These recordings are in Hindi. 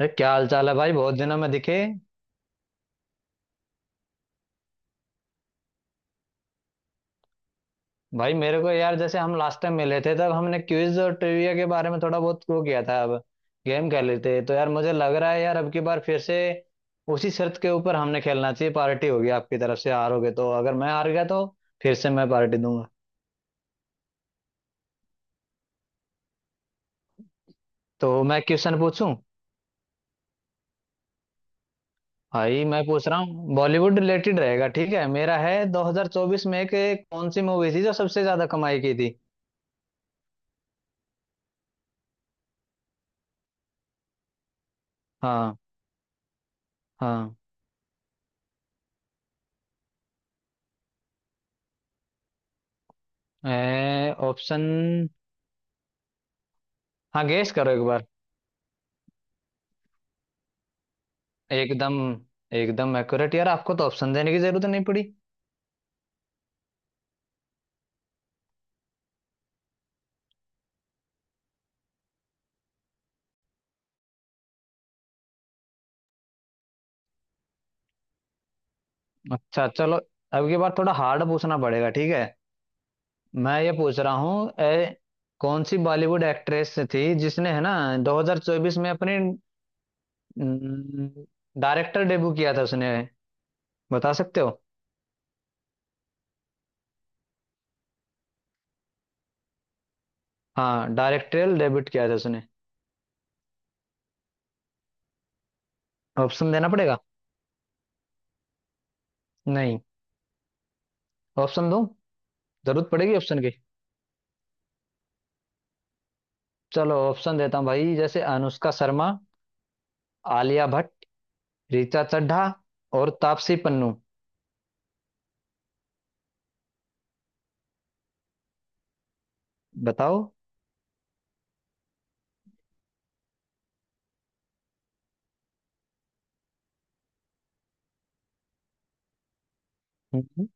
अरे क्या हाल चाल है भाई। बहुत दिनों में दिखे। भाई मेरे को यार, जैसे हम लास्ट टाइम मिले थे तब हमने क्विज और ट्रिविया के बारे में थोड़ा बहुत वो किया था, अब गेम खेल रहे थे। तो यार मुझे लग रहा है यार, अब की बार फिर से उसी शर्त के ऊपर हमने खेलना चाहिए। पार्टी होगी आपकी तरफ से, हारोगे तो। अगर मैं हार गया तो फिर से मैं पार्टी दूंगा। तो मैं क्वेश्चन पूछूं? भाई मैं पूछ रहा हूँ, बॉलीवुड रिलेटेड रहेगा, ठीक है? मेरा है, 2024 में एक एक कौन सी मूवी थी जो सबसे ज्यादा कमाई की थी? हाँ। हाँ ऑप्शन। हाँ, गेस करो एक बार। एकदम। एकदम एक्यूरेट यार, आपको तो ऑप्शन देने की जरूरत नहीं पड़ी। अच्छा चलो। अब की बार थोड़ा हार्ड पूछना पड़ेगा, ठीक है? मैं ये पूछ रहा हूँ ए कौन सी बॉलीवुड एक्ट्रेस थी जिसने है ना 2024 में अपनी डायरेक्टर डेब्यू किया था उसने, बता सकते हो? हाँ, डायरेक्टोरियल डेब्यू किया था उसने। ऑप्शन देना पड़ेगा? नहीं, ऑप्शन दूं? जरूरत पड़ेगी ऑप्शन की। चलो, ऑप्शन देता हूँ भाई। जैसे अनुष्का शर्मा, आलिया भट्ट, ऋचा चड्ढा और तापसी पन्नू। बताओ। हम्म।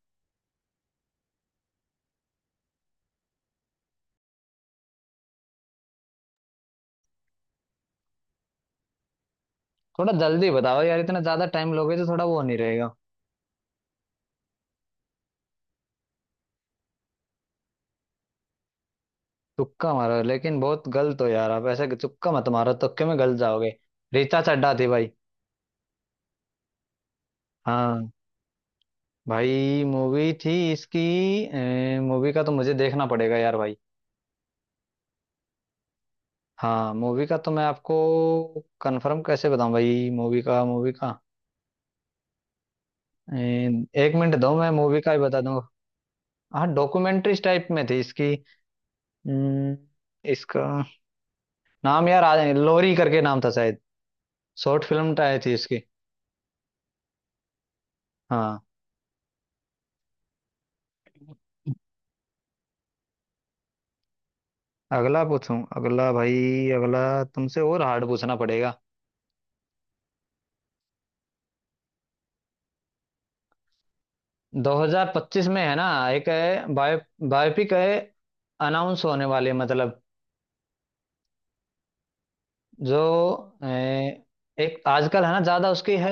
थोड़ा जल्दी बताओ यार, इतना ज्यादा टाइम लोगे तो थोड़ा वो नहीं रहेगा। तुक्का मारो, लेकिन बहुत गलत हो यार आप, ऐसे तुक्का मत मारो, तुक्के में गलत जाओगे। रीता चड्ढा थी भाई। हाँ, भाई मूवी थी इसकी। मूवी का तो मुझे देखना पड़ेगा यार भाई। हाँ, मूवी का तो मैं आपको कंफर्म कैसे बताऊं भाई? मूवी का, मूवी का अ, एक मिनट दो, मैं मूवी का ही बता दूंगा। हाँ, डॉक्यूमेंट्री टाइप में थी इसकी। अम्म, इसका नाम यार लोरी करके नाम था शायद। शॉर्ट फिल्म तो आई थी इसकी। हाँ। अगला पूछूं? अगला भाई। अगला तुमसे और हार्ड पूछना पड़ेगा। 2025 में है ना, एक है बायोपिक है, अनाउंस होने वाले मतलब, जो अ, एक आजकल है ना, ज्यादा उसकी है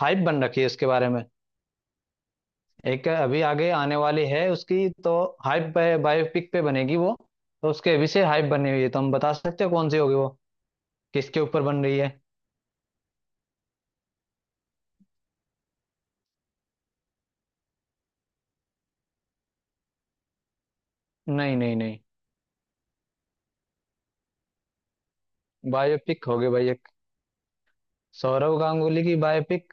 हाइप बन रखी है, इसके बारे में एक है अभी आगे आने वाली है उसकी। तो हाइप, बायोपिक पे बनेगी वो, तो उसके अभी से हाइप बनी हुई है। तो हम, बता सकते हो कौन सी होगी वो, किसके ऊपर बन रही है? नहीं नहीं नहीं, बायोपिक होगी भाई। सौरव गांगुली की बायोपिक,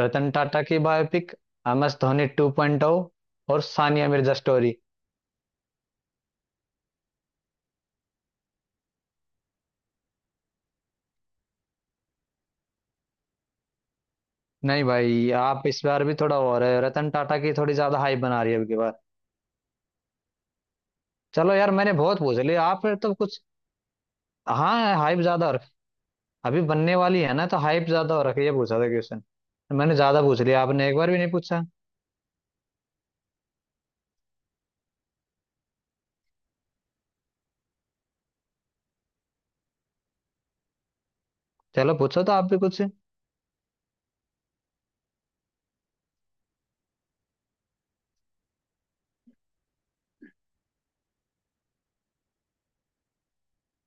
रतन टाटा की बायोपिक, एम एस धोनी 2.0 और सानिया मिर्जा स्टोरी। नहीं भाई, आप इस बार भी थोड़ा और है, रतन टाटा की थोड़ी ज्यादा हाइप बना रही है अब की बार। चलो यार, मैंने बहुत पूछ लिया, आप फिर तो कुछ। हाँ हाइप ज्यादा, और अभी बनने वाली है ना तो हाइप ज्यादा हो रखी है, ये पूछा था क्वेश्चन। मैंने ज्यादा पूछ लिया, आपने एक बार भी नहीं पूछा। चलो पूछो तो आप भी कुछ।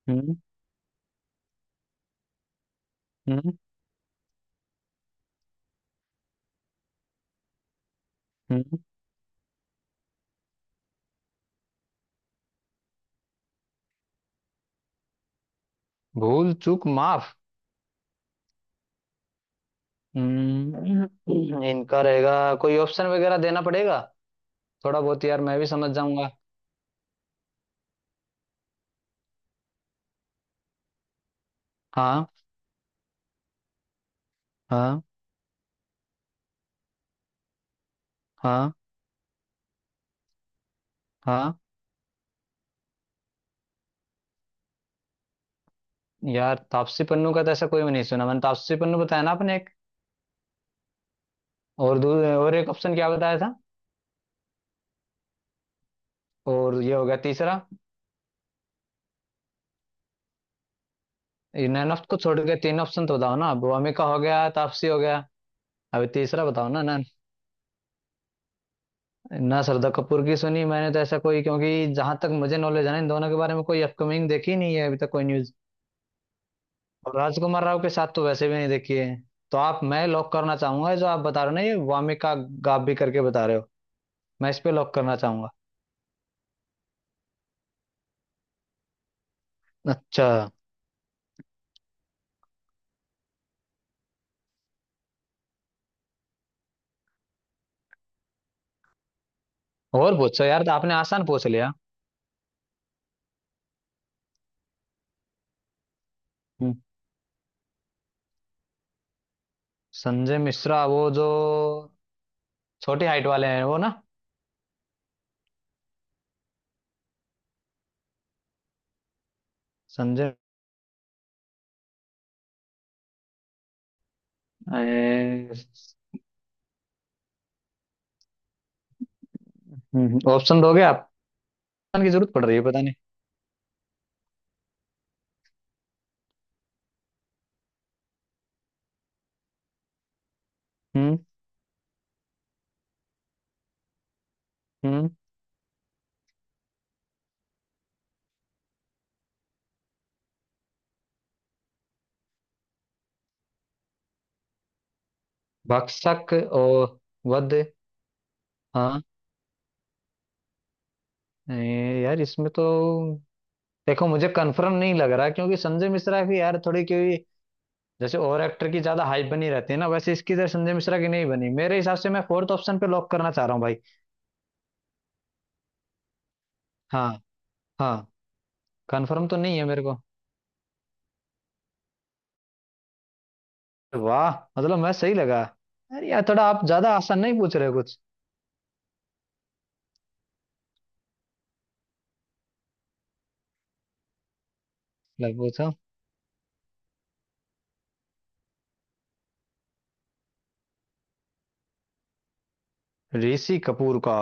हम्म हम्म हम्म। भूल चूक माफ। इनका रहेगा। कोई ऑप्शन वगैरह देना पड़ेगा, थोड़ा बहुत यार मैं भी समझ जाऊंगा। हाँ। हाँ। हाँ। हाँ, यार तापसी पन्नू का तो ऐसा कोई भी नहीं सुना मैंने, तापसी पन्नू बताया ना आपने एक। और दू और एक ऑप्शन क्या बताया था? और ये हो गया तीसरा। ये नैन ऑप्शन को छोड़ के तीन ऑप्शन तो बताओ ना, अब अमिका हो गया, तापसी हो गया, अभी तीसरा बताओ ना। ना ना, श्रद्धा कपूर की सुनी मैंने तो ऐसा कोई, क्योंकि जहां तक मुझे नॉलेज है ना, इन दोनों के बारे में कोई अपकमिंग देखी नहीं है अभी तक, कोई न्यूज। और राजकुमार राव के साथ तो वैसे भी नहीं देखी है। तो आप, मैं लॉक करना चाहूंगा जो आप बता रहे हो ना, ये वामिका गाबी करके बता रहे हो, मैं इस पे लॉक करना चाहूंगा। अच्छा, और पूछो यार, तो आपने आसान पूछ लिया। हम्म। संजय मिश्रा वो जो छोटी हाइट वाले हैं, वो ना? संजय। ए, ऑप्शन दोगे आप? ऑप्शन की जरूरत पड़ रही है, पता नहीं। हम्म। हम्म, भक्षक और वध। हाँ। यार इसमें तो देखो मुझे कंफर्म नहीं लग रहा, क्योंकि संजय मिश्रा की यार थोड़ी, क्योंकि जैसे और एक्टर की ज्यादा हाइप बनी रहती है ना, वैसे इसकी तरह संजय मिश्रा की नहीं बनी मेरे हिसाब से। मैं फोर्थ ऑप्शन पे लॉक करना चाह रहा हूँ भाई। हाँ। हाँ, कंफर्म तो नहीं है मेरे को। वाह, मतलब मैं सही लगा। अरे यार, थोड़ा आप ज्यादा आसान नहीं पूछ रहे हो कुछ? लग पूछा। ऋषि कपूर का।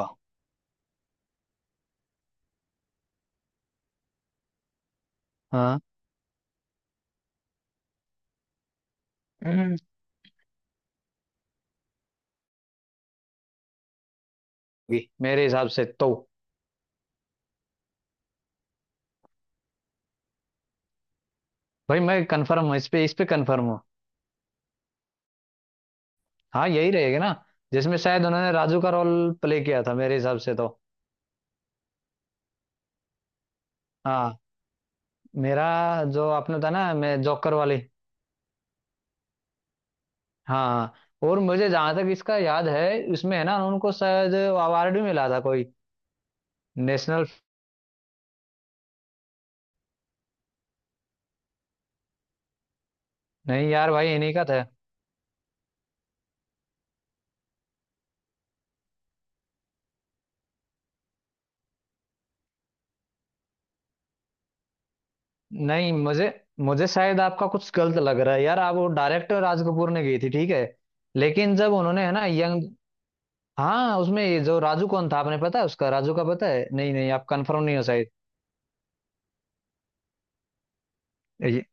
हाँ। हम्म, भी, मेरे हिसाब से तो, भाई मैं कंफर्म हूँ, इस पे, इस पे कंफर्म हूँ। हाँ, यही रहेगा ना, जिसमें शायद उन्होंने राजू का रोल प्ले किया था मेरे हिसाब से तो। हाँ, मेरा, जो आपने था ना, मैं जोकर वाली। हाँ, और मुझे जहां तक इसका याद है, इसमें है ना, उनको शायद अवार्ड भी मिला था कोई, नेशनल। नहीं यार भाई, इन्हीं का था। नहीं, मुझे मुझे शायद आपका कुछ गलत लग रहा है यार। आप, वो डायरेक्टर राज कपूर ने गई थी ठीक है, लेकिन जब उन्होंने है ना यंग। हाँ, उसमें ये जो राजू कौन था आपने पता है उसका? राजू का पता है? नहीं नहीं, आप कंफर्म नहीं हो शायद। ये-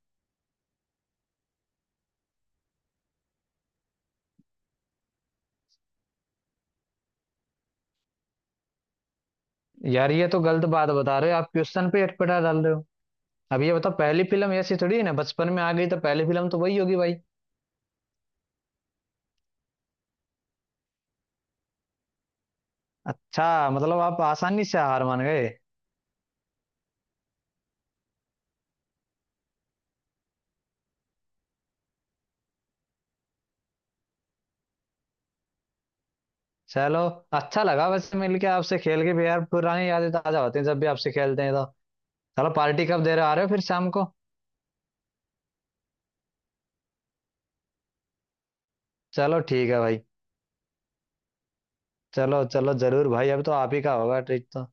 यार ये तो गलत बात बता रहे हो आप, क्वेश्चन पे अटपटा डाल रहे हो। अब ये बताओ, पहली फिल्म ऐसी थोड़ी है ना बचपन में आ गई तो पहली फिल्म तो वही होगी भाई। अच्छा, मतलब आप आसानी से हार मान गए? चलो, अच्छा लगा वैसे मिलके आपसे, खेल के भी यार पुरानी यादें ताजा होती हैं जब भी आपसे खेलते हैं तो। चलो, पार्टी कब दे रहे, आ रहे हो फिर शाम को? चलो ठीक है भाई। चलो चलो जरूर भाई, अब तो आप ही का होगा ट्रीट तो।